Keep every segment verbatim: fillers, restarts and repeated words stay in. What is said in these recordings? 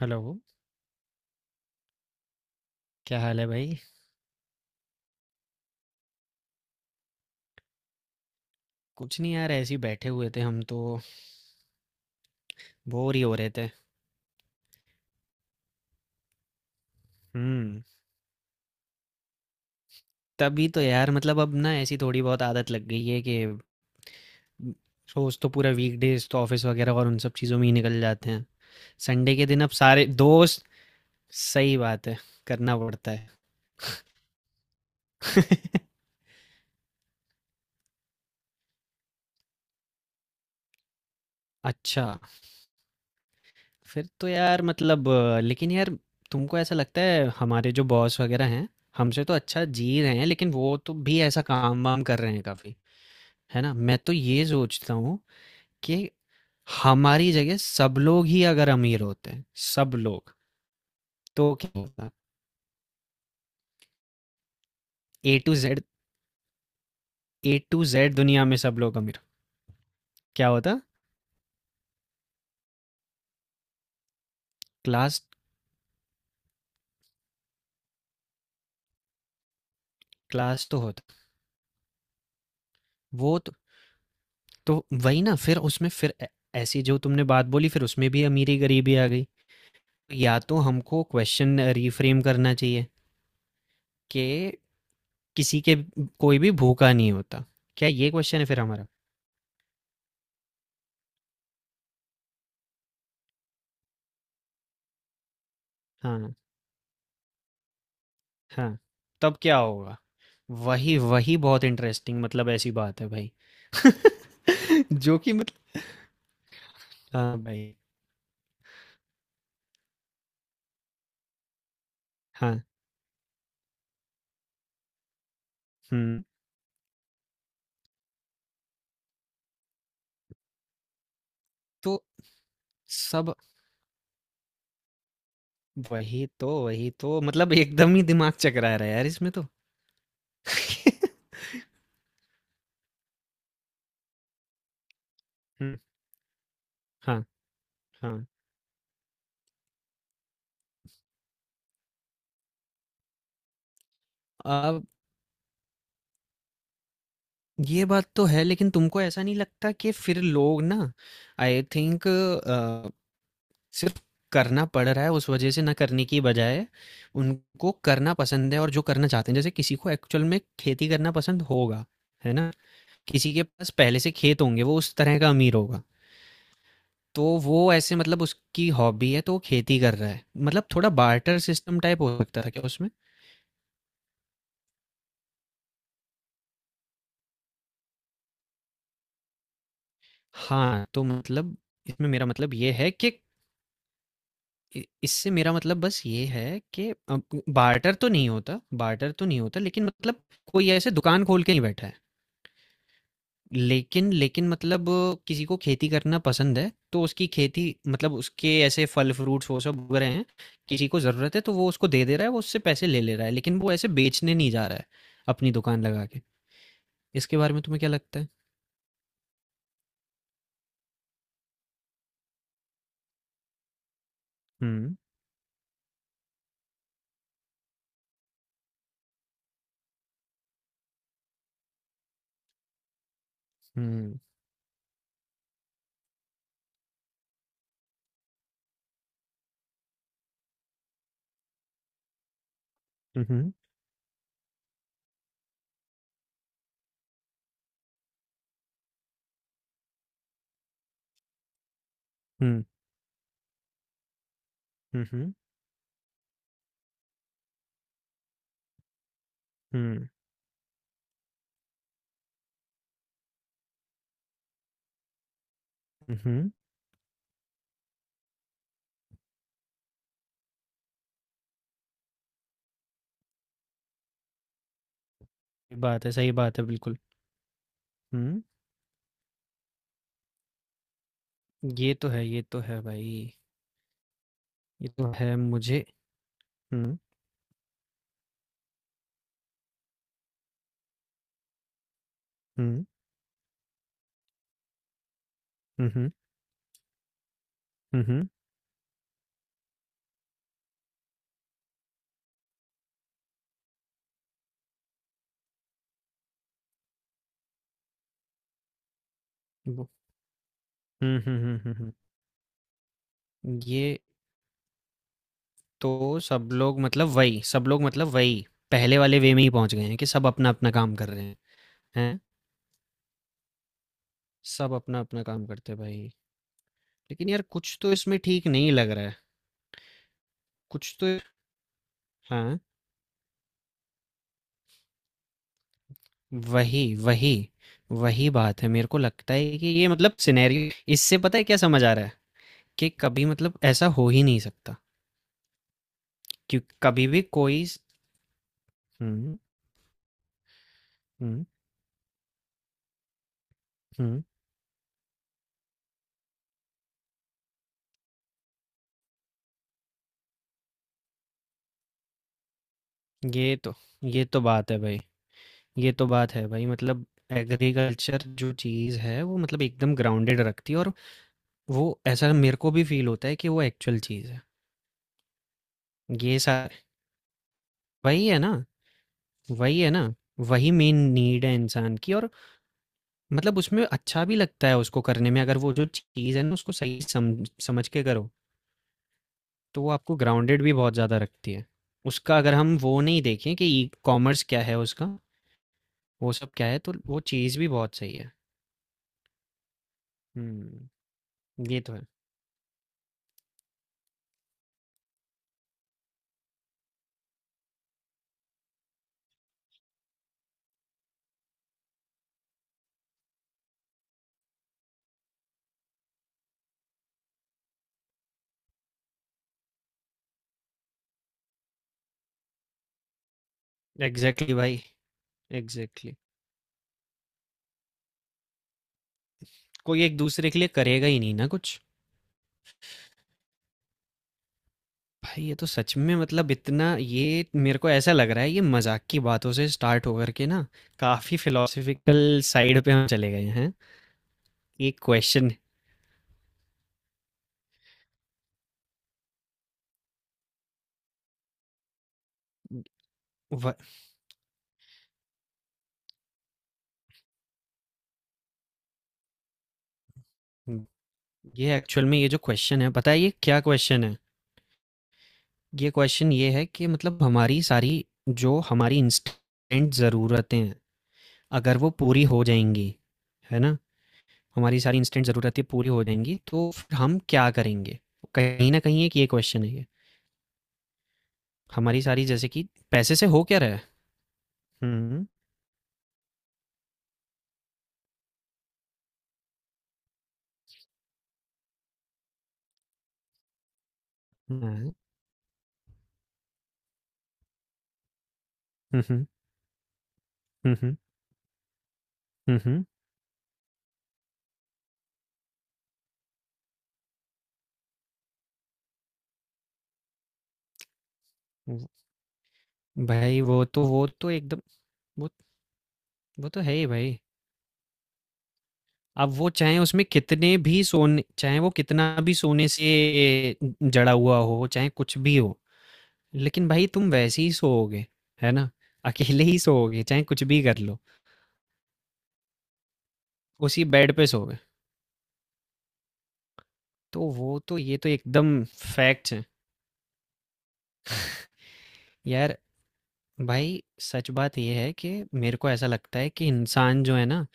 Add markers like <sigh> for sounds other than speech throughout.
Hello. क्या हाल है भाई? कुछ नहीं यार, ऐसे ही बैठे हुए थे हम तो। बोर ही हो रहे थे। हम्म। तभी तो यार मतलब अब ना ऐसी थोड़ी बहुत आदत लग गई है कि रोज तो पूरा वीकडेज तो ऑफिस वगैरह और उन सब चीज़ों में ही निकल जाते हैं। संडे के दिन अब सारे दोस्त। सही बात है। करना पड़ता है। <laughs> अच्छा। फिर तो यार मतलब अ, लेकिन यार, तुमको ऐसा लगता है हमारे जो बॉस वगैरह हैं हमसे तो अच्छा जी रहे हैं, लेकिन वो तो भी ऐसा काम वाम कर रहे हैं काफी। है ना? मैं तो ये सोचता हूँ कि हमारी जगह सब लोग ही अगर अमीर होते हैं, सब लोग, तो क्या होता? A to Z. A to Z दुनिया में सब लोग अमीर, क्या होता? क्लास। क्लास तो होता। वो तो, तो वही ना, फिर उसमें फिर ऐ- ऐसी जो तुमने बात बोली फिर उसमें भी अमीरी गरीबी आ गई। या तो हमको क्वेश्चन रिफ्रेम करना चाहिए कि किसी के, कोई भी भूखा नहीं होता। क्या ये क्वेश्चन है फिर हमारा? हाँ। हाँ। तब क्या होगा? वही वही, बहुत इंटरेस्टिंग, मतलब ऐसी बात है भाई। <laughs> जो कि मतलब। हाँ भाई। हाँ। हम्म। तो सब, वही तो वही तो, मतलब एकदम ही दिमाग चकरा रहा है यार इसमें तो। <laughs> हम्म, हाँ। हाँ। अब ये बात तो है, लेकिन तुमको ऐसा नहीं लगता कि फिर लोग ना, आई थिंक, सिर्फ करना पड़ रहा है उस वजह से, ना करने की बजाय उनको करना पसंद है। और जो करना चाहते हैं, जैसे किसी को एक्चुअल में खेती करना पसंद होगा, है ना? किसी के पास पहले से खेत होंगे, वो उस तरह का अमीर होगा। तो वो ऐसे मतलब उसकी हॉबी है तो वो खेती कर रहा है, मतलब थोड़ा बार्टर सिस्टम टाइप हो सकता था क्या उसमें? हाँ तो मतलब, इसमें मेरा मतलब ये है कि इ- इससे मेरा मतलब बस ये है कि बार्टर तो नहीं होता, बार्टर तो नहीं होता, लेकिन मतलब कोई ऐसे दुकान खोल के नहीं बैठा है। लेकिन लेकिन मतलब किसी को खेती करना पसंद है तो उसकी खेती मतलब उसके ऐसे फल फ्रूट्स वो सब उग रहे हैं। किसी को ज़रूरत है तो वो उसको दे दे रहा है, वो उससे पैसे ले ले रहा है, लेकिन वो ऐसे बेचने नहीं जा रहा है अपनी दुकान लगा के। इसके बारे में तुम्हें क्या लगता है? हुँ, हुँ, हुँ, हुँ, हुँ, हुँ, हुँ। ये बात है, सही बात है बिल्कुल। हुँ। ये तो है, ये तो है भाई। ये तो है मुझे। हुँ, हुँ, हुँ, हुँ, हुँ, हुँ। वो- हुँ, हुँ, हुँ, हुँ, हुँ। ये तो सब लोग मतलब वही, सब लोग मतलब वही पहले वाले वे में ही पहुंच गए हैं कि सब अपना अपना काम कर रहे हैं। हैं, सब अपना अपना काम करते हैं भाई। लेकिन यार कुछ तो इसमें ठीक नहीं लग रहा है। कुछ तो। हाँ। वही वही, वही बात है। मेरे को लगता है कि ये मतलब सिनेरियो, इससे पता है क्या समझ आ रहा है? कि कभी मतलब ऐसा हो ही नहीं सकता, क्योंकि कभी भी कोई। हम्म। हम्म। हम्म। ये तो ये तो बात है भाई। ये तो बात है भाई, मतलब एग्रीकल्चर जो चीज़ है वो मतलब एकदम ग्राउंडेड रखती है। और वो ऐसा मेरे को भी फील होता है कि वो एक्चुअल चीज़ है। ये सा वही है ना, वही है ना, वही मेन नीड है इंसान की। और मतलब उसमें अच्छा भी लगता है उसको करने में, अगर वो जो चीज़ है ना उसको सही सम, समझ के करो तो वो आपको ग्राउंडेड भी बहुत ज़्यादा रखती है। उसका अगर हम वो नहीं देखें कि ई कॉमर्स क्या है उसका, वो सब क्या है, तो वो चीज़ भी बहुत सही है। हम्म। ये तो है। एग्जैक्टली exactly भाई। Exactly exactly। कोई एक दूसरे के लिए करेगा ही नहीं ना कुछ। भाई ये तो सच में, मतलब इतना ये मेरे को ऐसा लग रहा है, ये मजाक की बातों से स्टार्ट होकर के ना काफी फिलोसफिकल साइड पे हम चले गए हैं। एक क्वेश्चन, ये एक्चुअल में ये जो क्वेश्चन है पता है ये क्या क्वेश्चन है? ये क्वेश्चन ये है कि मतलब हमारी सारी, जो हमारी इंस्टेंट ज़रूरतें हैं, अगर वो पूरी हो जाएंगी, है ना, हमारी सारी इंस्टेंट ज़रूरतें पूरी हो जाएँगी, तो फिर हम क्या करेंगे? कहीं न कहीं एक ये क्वेश्चन है ये। हमारी सारी जैसे कि पैसे से हो क्या रहा है? हुँ, हुँ, हुँ, हुँ, हुँ, हुँ, हुँ, हुँ, हुँ। भाई वो तो वो तो एकदम, वो वो तो है ही भाई। अब वो चाहे उसमें कितने भी सोने, चाहे वो कितना भी सोने से जड़ा हुआ हो, चाहे कुछ भी हो, लेकिन भाई तुम वैसे ही सोओगे, है ना? अकेले ही सोओगे, चाहे कुछ भी कर लो, उसी बेड पे सोओगे। तो वो तो, ये तो एकदम फैक्ट है। यार, भाई सच बात ये है कि मेरे को ऐसा लगता है कि इंसान जो है ना,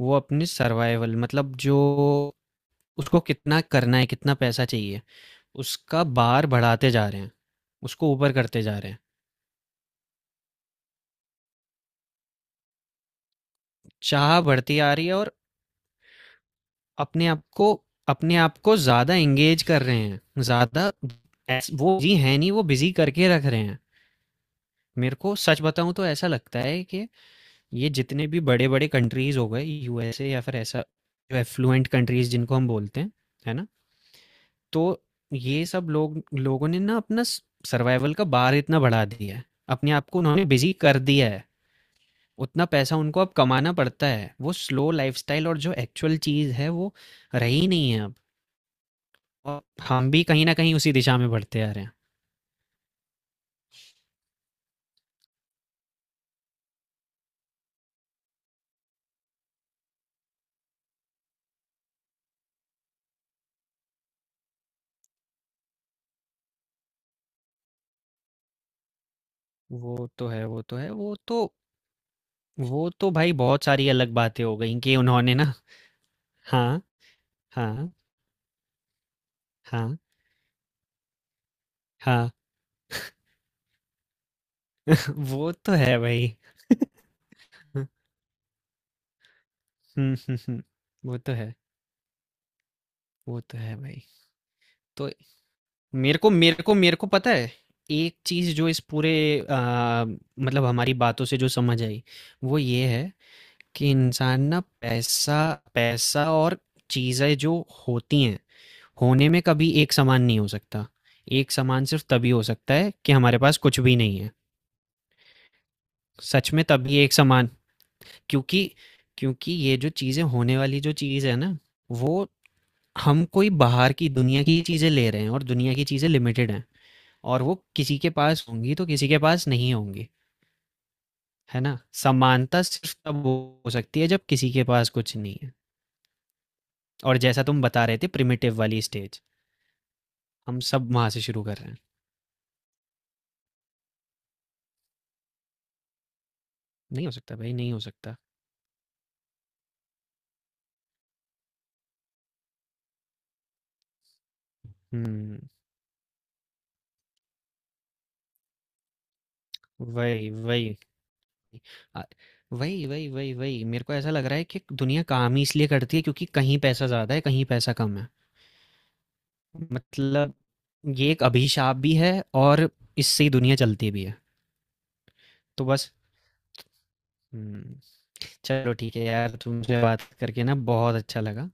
वो अपने सर्वाइवल मतलब जो उसको कितना करना है, कितना पैसा चाहिए, उसका बार बढ़ाते जा रहे हैं, उसको ऊपर करते जा रहे हैं। चाह बढ़ती आ रही है। और अपने आप को अपने आप को ज़्यादा एंगेज कर रहे हैं, ज़्यादा ऐस- वो जी है नहीं, वो बिजी करके रख रहे हैं। मेरे को सच बताऊं तो ऐसा लगता है कि ये जितने भी बड़े-बड़े कंट्रीज़ हो गए, यूएसए या फिर ऐसा जो एफ्लुएंट कंट्रीज़ जिनको हम बोलते हैं, है ना? तो ये सब लोग, लोगों ने ना अपना स सर्वाइवल का बार इतना बढ़ा दिया है। अपने आप को उन्होंने बिज़ी कर दिया है। उतना पैसा उनको अब कमाना पड़ता है। वो स्लो लाइफ़स्टाइल और जो एक्चुअल चीज़ है वो रही नहीं है अब। और हम भी कहीं न कहीं उसी दिशा में बढ़ते आ रहे हैं। वो तो है, वो तो है। वो तो, वो तो भाई बहुत सारी अलग बातें हो गई कि उन्होंने ना। हाँ, हाँ, हाँ, हाँ। वो तो है भाई। <laughs> हम्म, हम्म, हम्म। वो तो है, वो तो है भाई। तो मेरे को मेरे को मेरे को पता है एक चीज जो इस पूरे आ, मतलब हमारी बातों से जो समझ आई, वो ये है कि इंसान ना पैसा, पैसा और चीजें जो होती हैं होने में कभी एक समान नहीं हो सकता। एक समान सिर्फ तभी हो सकता है कि हमारे पास कुछ भी नहीं है। सच में तभी एक समान, क्योंकि क्योंकि ये जो चीजें होने वाली जो चीज है ना, वो हम कोई बाहर की दुनिया की चीज़ें ले रहे हैं और दुनिया की चीज़ें लिमिटेड हैं। और वो किसी के पास होंगी तो किसी के पास नहीं होंगी। है ना, समानता सिर्फ तब हो हो सकती है जब किसी के पास कुछ नहीं है। और जैसा तुम बता रहे थे प्रिमिटिव वाली स्टेज, हम सब वहां से शुरू कर रहे हैं। नहीं हो सकता भाई, नहीं हो सकता। हम्म। वही वही, आ- वही वही वही वही, मेरे को ऐसा लग रहा है कि दुनिया काम ही इसलिए करती है क्योंकि कहीं पैसा ज़्यादा है, कहीं पैसा कम है। मतलब ये एक अभिशाप भी है, और इससे ही दुनिया चलती भी है। तो बस। हम्म। चलो ठीक है यार, तुमसे बात करके ना बहुत अच्छा लगा।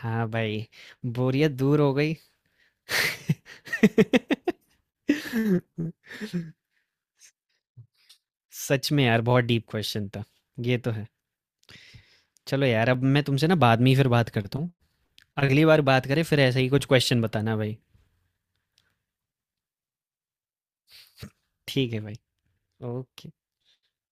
हाँ भाई, बोरियत दूर हो गई। <laughs> सच में यार बहुत डीप क्वेश्चन था। ये तो है। चलो यार, अब मैं तुमसे ना बाद में ही फिर बात करता हूँ। अगली बार बात करें फिर ऐसा ही कुछ क्वेश्चन बताना भाई। ठीक है भाई। ओके।